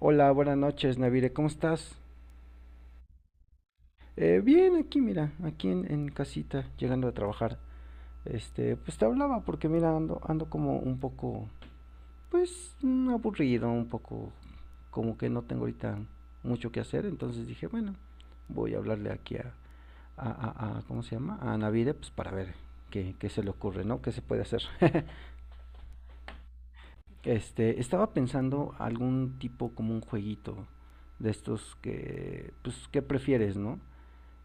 Hola, buenas noches, Navire, ¿cómo estás? Bien, aquí, mira, aquí en casita, llegando a trabajar. Este, pues te hablaba porque, mira, ando como un poco, pues, aburrido, un poco, como que no tengo ahorita mucho que hacer. Entonces dije, bueno, voy a hablarle aquí ¿cómo se llama? A Navire, pues para ver qué se le ocurre, ¿no? ¿Qué se puede hacer? Este, estaba pensando algún tipo como un jueguito de estos que, pues, ¿qué prefieres, no?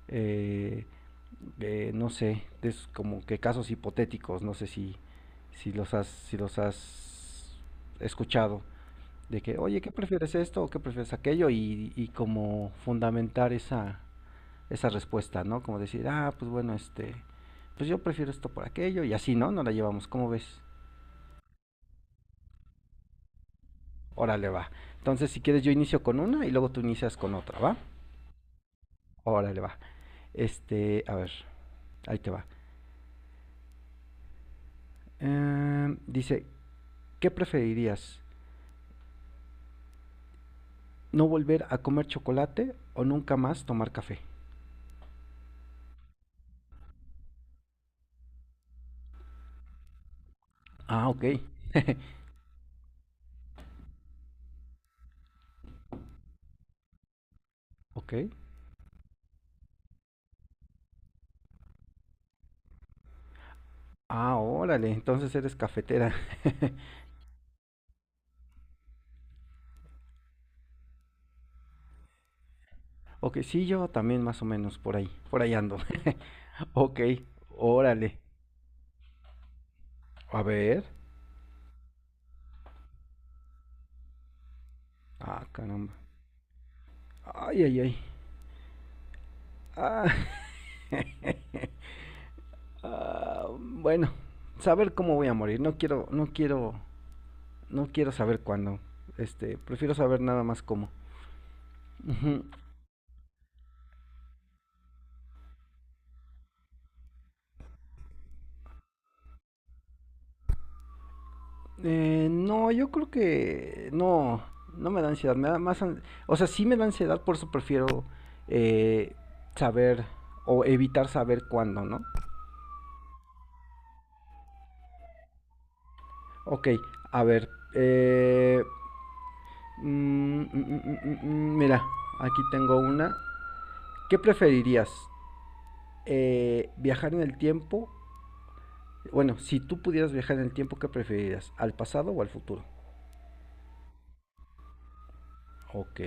eh, no sé, es como que casos hipotéticos, no sé si los has escuchado, de que, oye, ¿qué prefieres esto o qué prefieres aquello? Y como fundamentar esa respuesta, ¿no? Como decir, ah, pues bueno, este, pues yo prefiero esto por aquello y así, ¿no? No la llevamos, ¿cómo ves? Órale, va. Entonces, si quieres, yo inicio con una y luego tú inicias con otra, ¿va? Órale, va. Este, a ver, ahí te va. Dice, ¿qué preferirías? No volver a comer chocolate o nunca más tomar café. Ah, ok. Ok. Ah, órale, entonces eres cafetera. Ok, sí, yo también más o menos por ahí. Por ahí ando. Ok, órale. A ver. Ah, caramba. Ay, ay, ay. Ah, ah, bueno, saber cómo voy a morir. No quiero, no quiero, no quiero saber cuándo. Este, prefiero saber nada más cómo. Ujú. No, yo creo que no, no me da ansiedad, me da más, o sea, sí me da ansiedad, por eso prefiero eh, saber o evitar saber cuándo, ¿no? Ok, a ver, eh, mira, aquí tengo una. ¿Qué preferirías? ¿Viajar en el tiempo? Bueno, si tú pudieras viajar en el tiempo, ¿qué preferirías? ¿Al pasado o al futuro? Ok,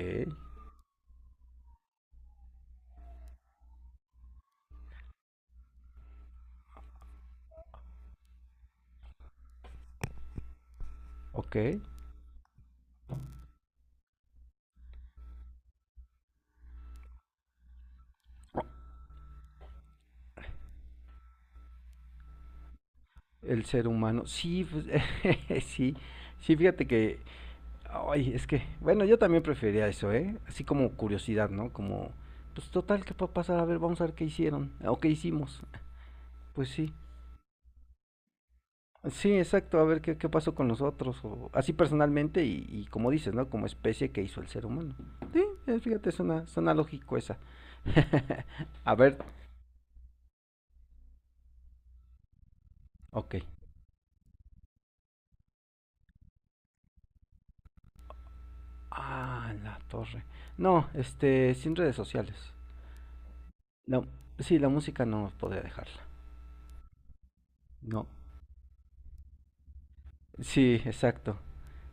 ok. El ser humano. Sí, pues, sí, sí, fíjate que, ay, es que, bueno, yo también prefería eso, ¿eh? Así como curiosidad, ¿no? Como, pues total, ¿qué puede pasar? A ver, vamos a ver qué hicieron o qué hicimos. Pues sí, sí, exacto, a ver qué pasó con nosotros, o así personalmente y como dices, ¿no? Como especie que hizo el ser humano. Sí, fíjate, suena lógico esa. A ver, ok. Ah, la torre. No, este, sin redes sociales. La, sí, la música no podría dejarla. No. Sí, exacto.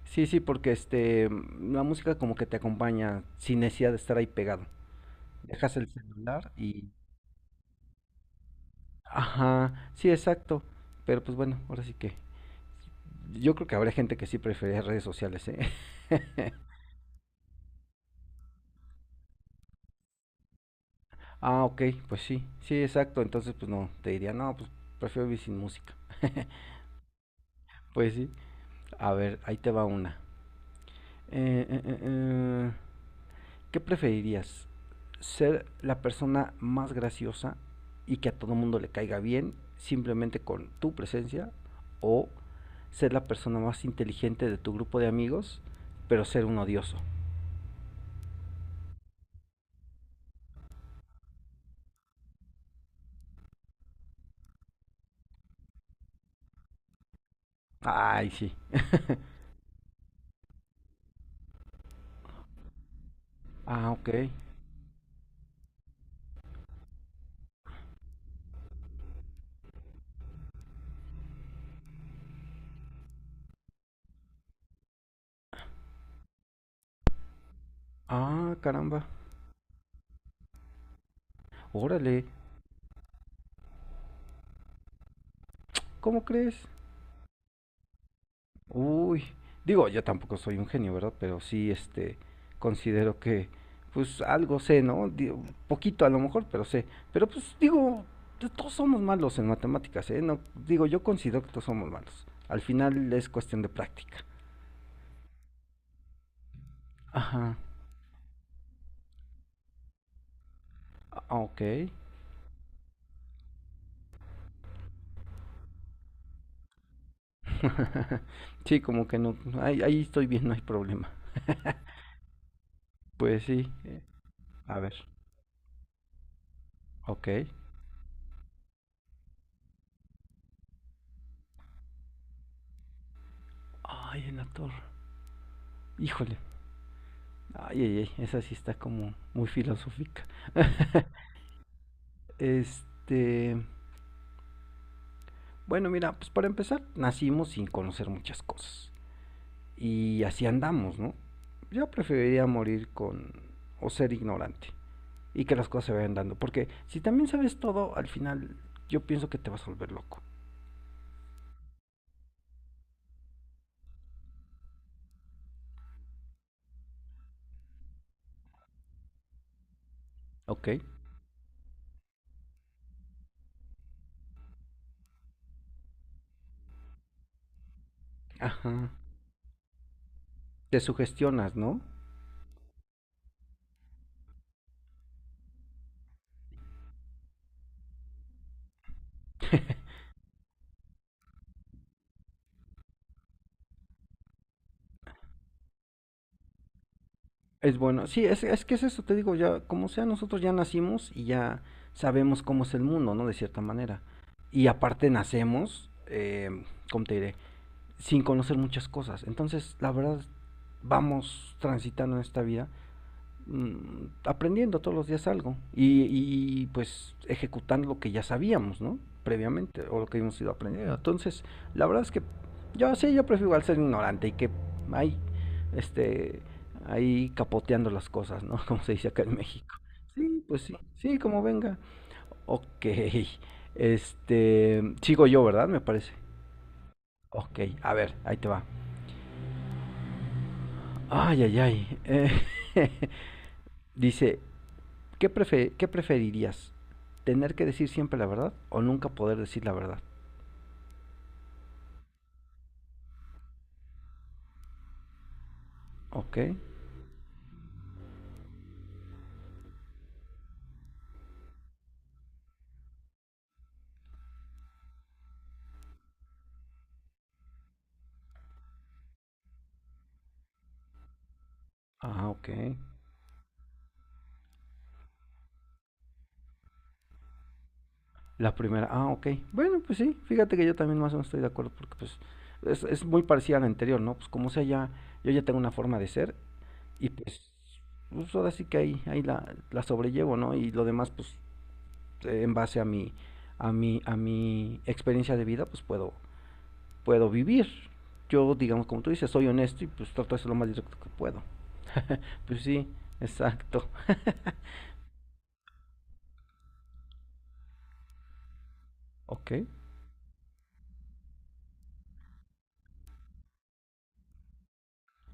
Sí, sí, porque este, la música como que te acompaña sin necesidad de estar ahí pegado. Dejas el celular y... Ajá, sí, exacto. Pero pues bueno, ahora sí que... Yo creo que habrá gente que sí prefiere redes sociales, ¿eh? Ah, ok, pues sí, sí, exacto. Entonces, pues no, te diría, no, pues prefiero vivir sin música. Pues sí. A ver, ahí te va una. Eh, eh, eh, eh, ¿Qué preferirías? ¿Ser la persona más graciosa y que a todo mundo le caiga bien simplemente con tu presencia? ¿O ser la persona más inteligente de tu grupo de amigos, pero ser un odioso? Ay, sí. Ah, ok. Ah, caramba. Órale. ¿Cómo crees? Uy, digo, yo tampoco soy un genio, ¿verdad? Pero sí, este, considero que, pues algo sé, ¿no? Digo, poquito a lo mejor, pero sé. Pero pues digo, todos somos malos en matemáticas, ¿eh? No, digo, yo considero que todos somos malos. Al final es cuestión de práctica. Ajá, ah, ok. Sí, como que no, ahí estoy bien, no hay problema. Pues sí, a ver, ok. Ay, en la torre, híjole. Ay, ay, ay, esa sí está como muy filosófica. Este, bueno, mira, pues para empezar, nacimos sin conocer muchas cosas. Y así andamos, ¿no? Yo preferiría morir con o ser ignorante y que las cosas se vayan dando, porque si también sabes todo, al final yo pienso que te vas a volver loco. Ok. Ajá. Te sugestionas, ¿no? Es bueno. Sí, es que es eso, te digo, ya, como sea, nosotros ya nacimos y ya sabemos cómo es el mundo, ¿no? De cierta manera. Y aparte nacemos, ¿cómo te diré? Sin conocer muchas cosas. Entonces, la verdad, vamos transitando en esta vida aprendiendo todos los días algo y, pues ejecutando lo que ya sabíamos, ¿no? Previamente o lo que hemos ido aprendiendo. Entonces, la verdad es que yo sí, yo prefiero al ser ignorante y que hay, este, ahí capoteando las cosas, ¿no? Como se dice acá en México. Sí, pues sí, sí, como venga. Ok, este, sigo yo, ¿verdad? Me parece. Ok, a ver, ahí te va. Ay, ay, ay. Dice, ¿qué preferirías? ¿Tener que decir siempre la verdad o nunca poder decir la verdad? Ok. Ah, ok. La primera, ah, ok. Bueno, pues sí, fíjate que yo también más o menos estoy de acuerdo porque pues es muy parecida a la anterior, ¿no? Pues como sea, ya, yo ya tengo una forma de ser y pues ahora sí que ahí la sobrellevo, ¿no? Y lo demás, pues en base a mi, experiencia de vida, pues puedo vivir. Yo, digamos, como tú dices, soy honesto y pues trato de ser lo más directo que puedo. Pues sí, exacto. Ok.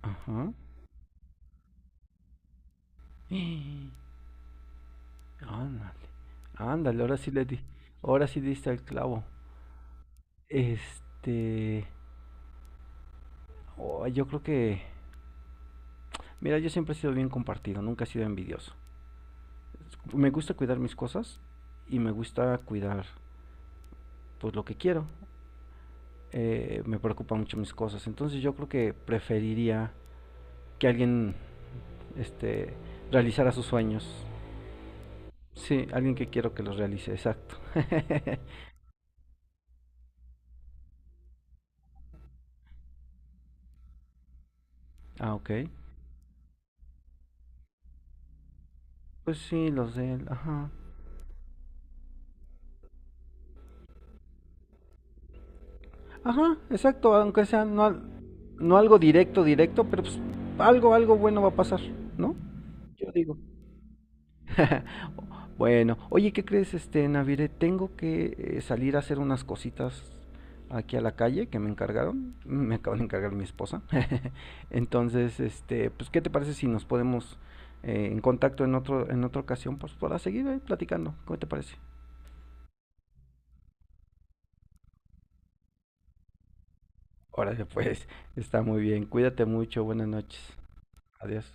Ajá. Ándale. Ándale, ahora sí le di. Ahora sí diste al clavo. Este. Oh, yo creo que. Mira, yo siempre he sido bien compartido, nunca he sido envidioso. Me gusta cuidar mis cosas y me gusta cuidar pues lo que quiero. Me preocupan mucho mis cosas. Entonces yo creo que preferiría que alguien este, realizará sus sueños. Sí, alguien que quiero que los realice, exacto. Ah, ok. Pues sí, los de él, ajá. Ajá, exacto, aunque sea no algo directo, directo, pero pues algo bueno va a pasar, ¿no? Yo digo. Bueno, oye, ¿qué crees, este, Navire? Tengo que salir a hacer unas cositas aquí a la calle que me encargaron. Me acaban de encargar mi esposa. Entonces, este, pues, ¿qué te parece si nos podemos en contacto en otra ocasión, pues, para seguir ahí platicando? ¿Cómo te parece? Órale, pues, está muy bien. Cuídate mucho. Buenas noches. Adiós.